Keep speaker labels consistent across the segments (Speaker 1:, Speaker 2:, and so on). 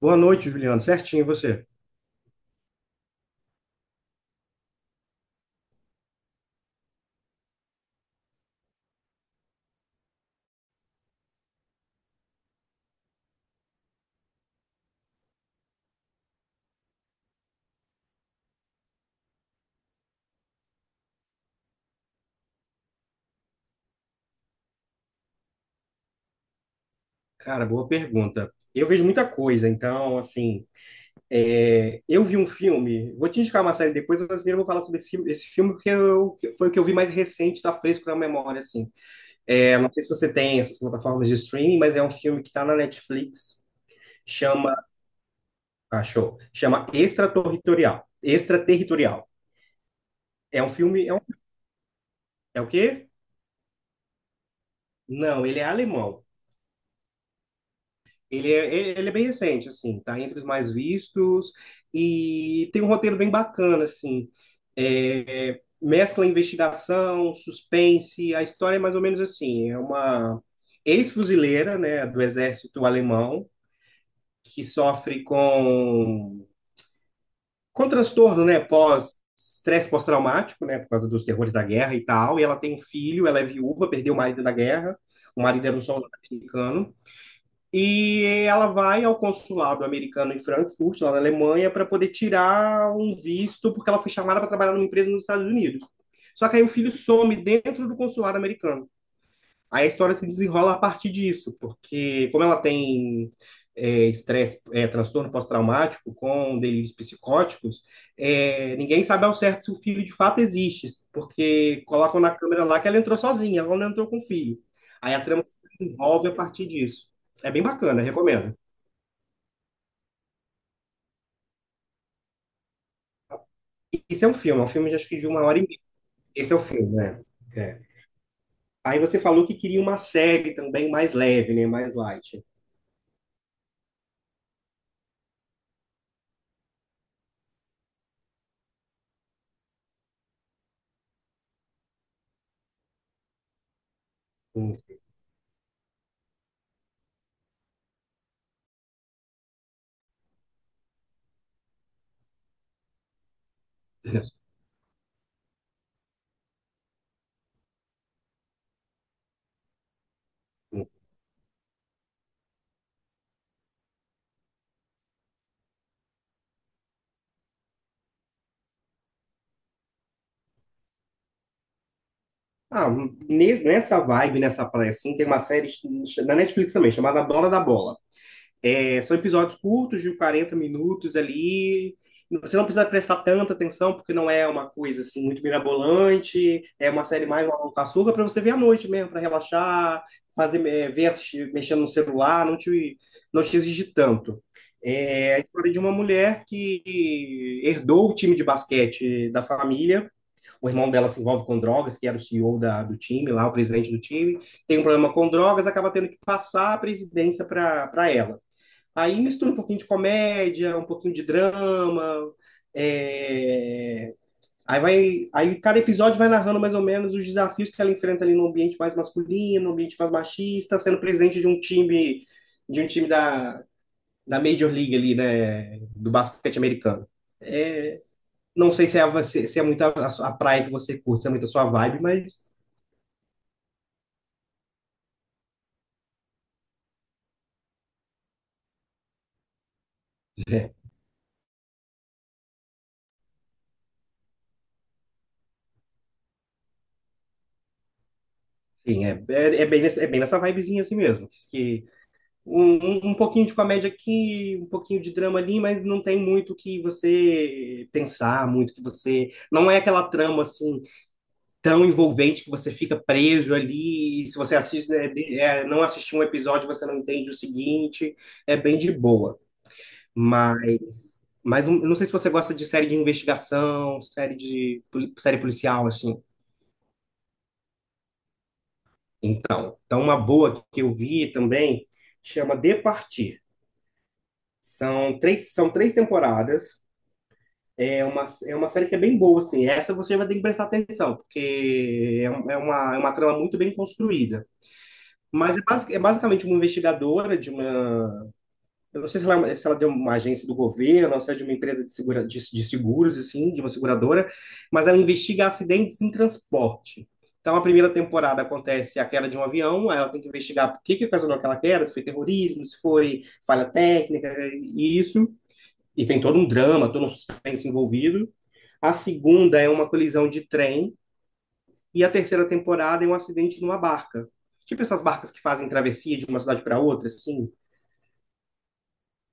Speaker 1: Boa noite, Juliano. Certinho, e você? Cara, boa pergunta. Eu vejo muita coisa, então, assim, eu vi um filme, vou te indicar uma série depois, mas primeiro eu vou falar sobre esse filme, que foi o que eu vi mais recente, tá fresco na memória, assim. É, não sei se você tem essas plataformas de streaming, mas é um filme que tá na Netflix, chama, ah, show, chama Extraterritorial. Extraterritorial. É um filme, é o quê? Não, ele é alemão. Ele é bem recente, assim, tá entre os mais vistos e tem um roteiro bem bacana, assim. É, é, mescla investigação, suspense. A história é mais ou menos assim, é uma ex-fuzileira, né, do exército alemão que sofre com transtorno, né, pós estresse pós-traumático, né, por causa dos terrores da guerra e tal, e ela tem um filho, ela é viúva, perdeu o marido na guerra, o marido era um soldado americano, e ela vai ao consulado americano em Frankfurt, lá na Alemanha, para poder tirar um visto, porque ela foi chamada para trabalhar numa empresa nos Estados Unidos. Só que aí o filho some dentro do consulado americano. Aí a história se desenrola a partir disso, porque como ela tem estresse, transtorno pós-traumático com delírios psicóticos, é, ninguém sabe ao certo se o filho de fato existe, porque colocam na câmera lá que ela entrou sozinha, ela não entrou com o filho. Aí a trama se desenvolve a partir disso. É bem bacana, recomendo. Esse é um filme de, acho que de uma hora e meia. Esse é o filme, né? É. Aí você falou que queria uma série também mais leve, né? Mais light. Um, Ah, nessa vibe, nessa praia, assim, tem uma na Netflix também, chamada Dona da Bola. É, são episódios curtos, de 40 minutos ali. Você não precisa prestar tanta atenção, porque não é uma coisa, assim, muito mirabolante. É uma série mais uma com açúcar para você ver à noite mesmo, para relaxar, ver, assistir, mexendo no celular, não te exige tanto. É a história de uma mulher que herdou o time de basquete da família. O irmão dela se envolve com drogas, que era o CEO do time, lá o presidente do time, tem um problema com drogas, acaba tendo que passar a presidência para ela. Aí mistura um pouquinho de comédia, um pouquinho de drama, é... aí vai, aí cada episódio vai narrando mais ou menos os desafios que ela enfrenta ali no ambiente mais masculino, no ambiente mais machista, sendo presidente de um time de um time da Major League ali, né, do basquete americano. É, não sei se é muito a praia que você curte, se é muito a sua vibe, mas é, sim, é bem, é bem nessa vibezinha assim mesmo. Que um pouquinho de comédia aqui, um pouquinho de drama ali, mas não tem muito que você pensar, muito que você. Não é aquela trama assim tão envolvente que você fica preso ali. E se você assiste, né, não assistir um episódio, você não entende o seguinte. É bem de boa. Mas eu não sei se você gosta de série de investigação, série policial, assim. Então uma boa que eu vi também chama De Partir. São três temporadas. É uma série que é bem boa, assim. Essa você vai ter que prestar atenção, porque é uma trama muito bem construída. Mas é, é basicamente uma investigadora de uma. Eu não sei se ela, se ela é uma agência do governo, ou se é de uma empresa de, de seguros, assim, de uma seguradora, mas ela investiga acidentes em transporte. Então, a primeira temporada acontece a queda de um avião, ela tem que investigar por que que ocasionou aquela queda, se foi terrorismo, se foi falha técnica, e isso. E tem todo um drama, todo um suspense envolvido. A segunda é uma colisão de trem, e a terceira temporada é um acidente numa barca. Tipo essas barcas que fazem travessia de uma cidade para outra, assim.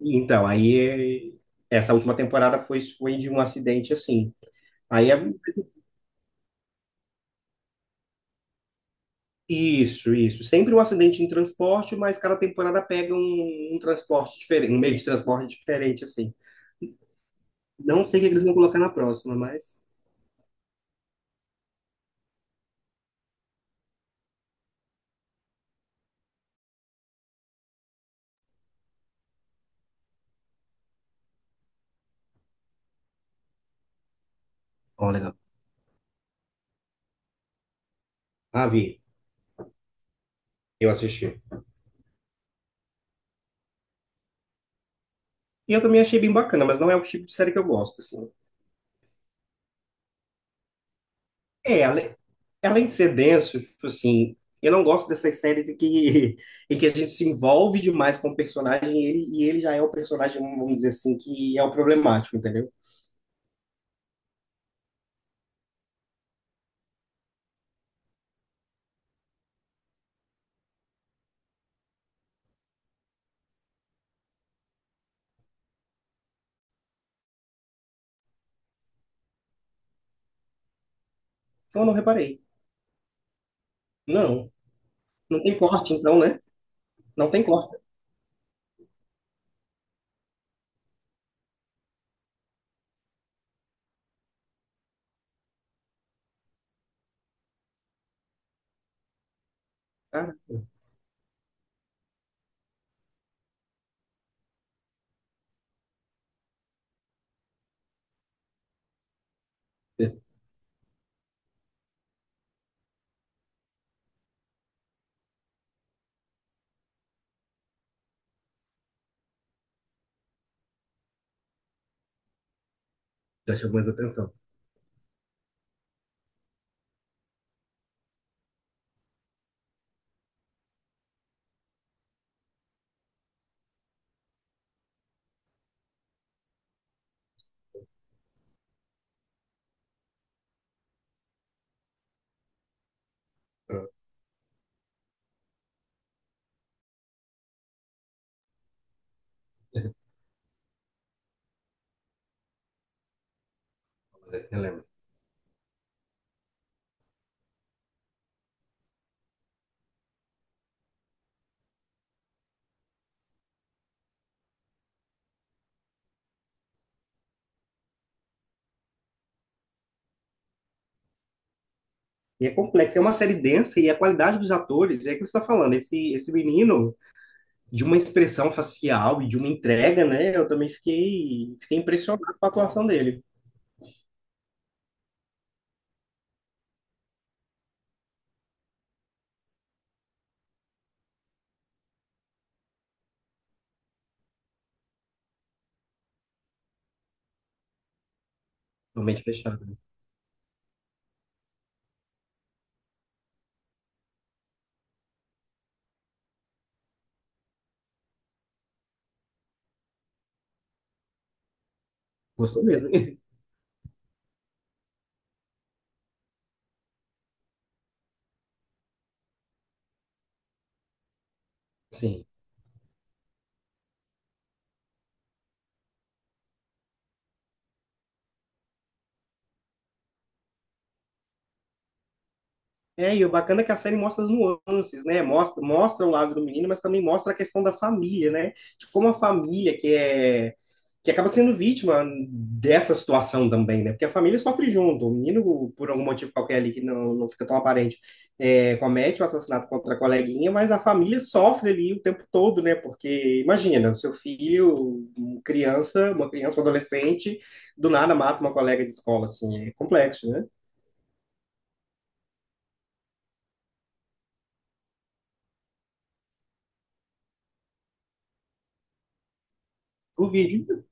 Speaker 1: Então, aí essa última temporada foi de um acidente assim. Aí é isso, isso. Sempre um acidente em transporte, mas cada temporada pega um transporte diferente, um meio de transporte diferente, assim. Não sei o que eles vão colocar na próxima, mas. Ó, legal. Ah, vi. Eu assisti. E eu também achei bem bacana, mas não é o tipo de série que eu gosto, assim. É. É, além de ser denso, tipo assim, eu não gosto dessas séries em que, em que a gente se envolve demais com o personagem e ele já é o personagem, vamos dizer assim, que é o problemático, entendeu? Então eu não reparei. Não, não tem corte, então, né? Não tem corte. Cara, já chamou mais atenção. Ah, relembra. E é complexo, é uma série densa e a qualidade dos atores, é o que você está falando, esse menino, de uma expressão facial e de uma entrega, né? Eu também fiquei impressionado com a atuação dele. Realmente fechado. Gostou mesmo. Sim. É, e o bacana é que a série mostra as nuances, né? Mostra, mostra o lado do menino, mas também mostra a questão da família, né? De como a família que é que acaba sendo vítima dessa situação também, né? Porque a família sofre junto. O menino, por algum motivo qualquer ali que não fica tão aparente, é, comete o assassinato contra a coleguinha, mas a família sofre ali o tempo todo, né? Porque imagina, o seu filho, uma criança, um adolescente, do nada mata uma colega de escola, assim, é complexo, né? O vídeo.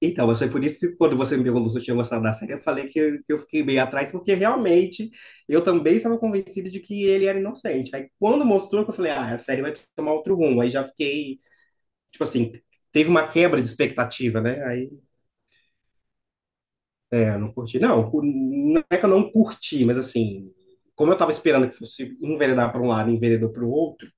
Speaker 1: Então, mas foi por isso que quando você me perguntou se eu tinha gostado da série, eu falei que eu fiquei bem atrás, porque realmente eu também estava convencido de que ele era inocente. Aí quando mostrou, que eu falei, ah, a série vai tomar outro rumo. Aí já fiquei, tipo assim, teve uma quebra de expectativa, né? Aí é, não curti. Não, não é que eu não curti, mas assim, como eu estava esperando que fosse enveredar para um lado e enveredou para o outro.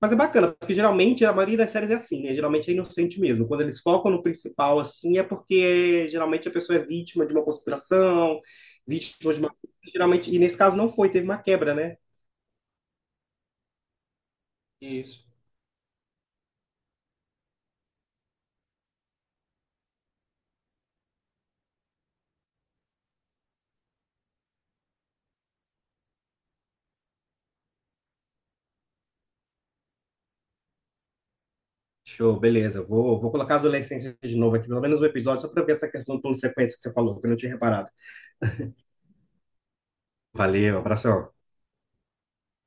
Speaker 1: Mas é bacana, porque geralmente a maioria das séries é assim, né? Geralmente é inocente mesmo. Quando eles focam no principal, assim, é porque é, geralmente a pessoa é vítima de uma conspiração, vítima de uma. Geralmente, e nesse caso não foi, teve uma quebra, né? Isso. Show, beleza. Vou, vou colocar a adolescência de novo aqui, pelo menos um episódio, só para ver essa questão do plano sequência que você falou, que eu não tinha reparado. Valeu, abração.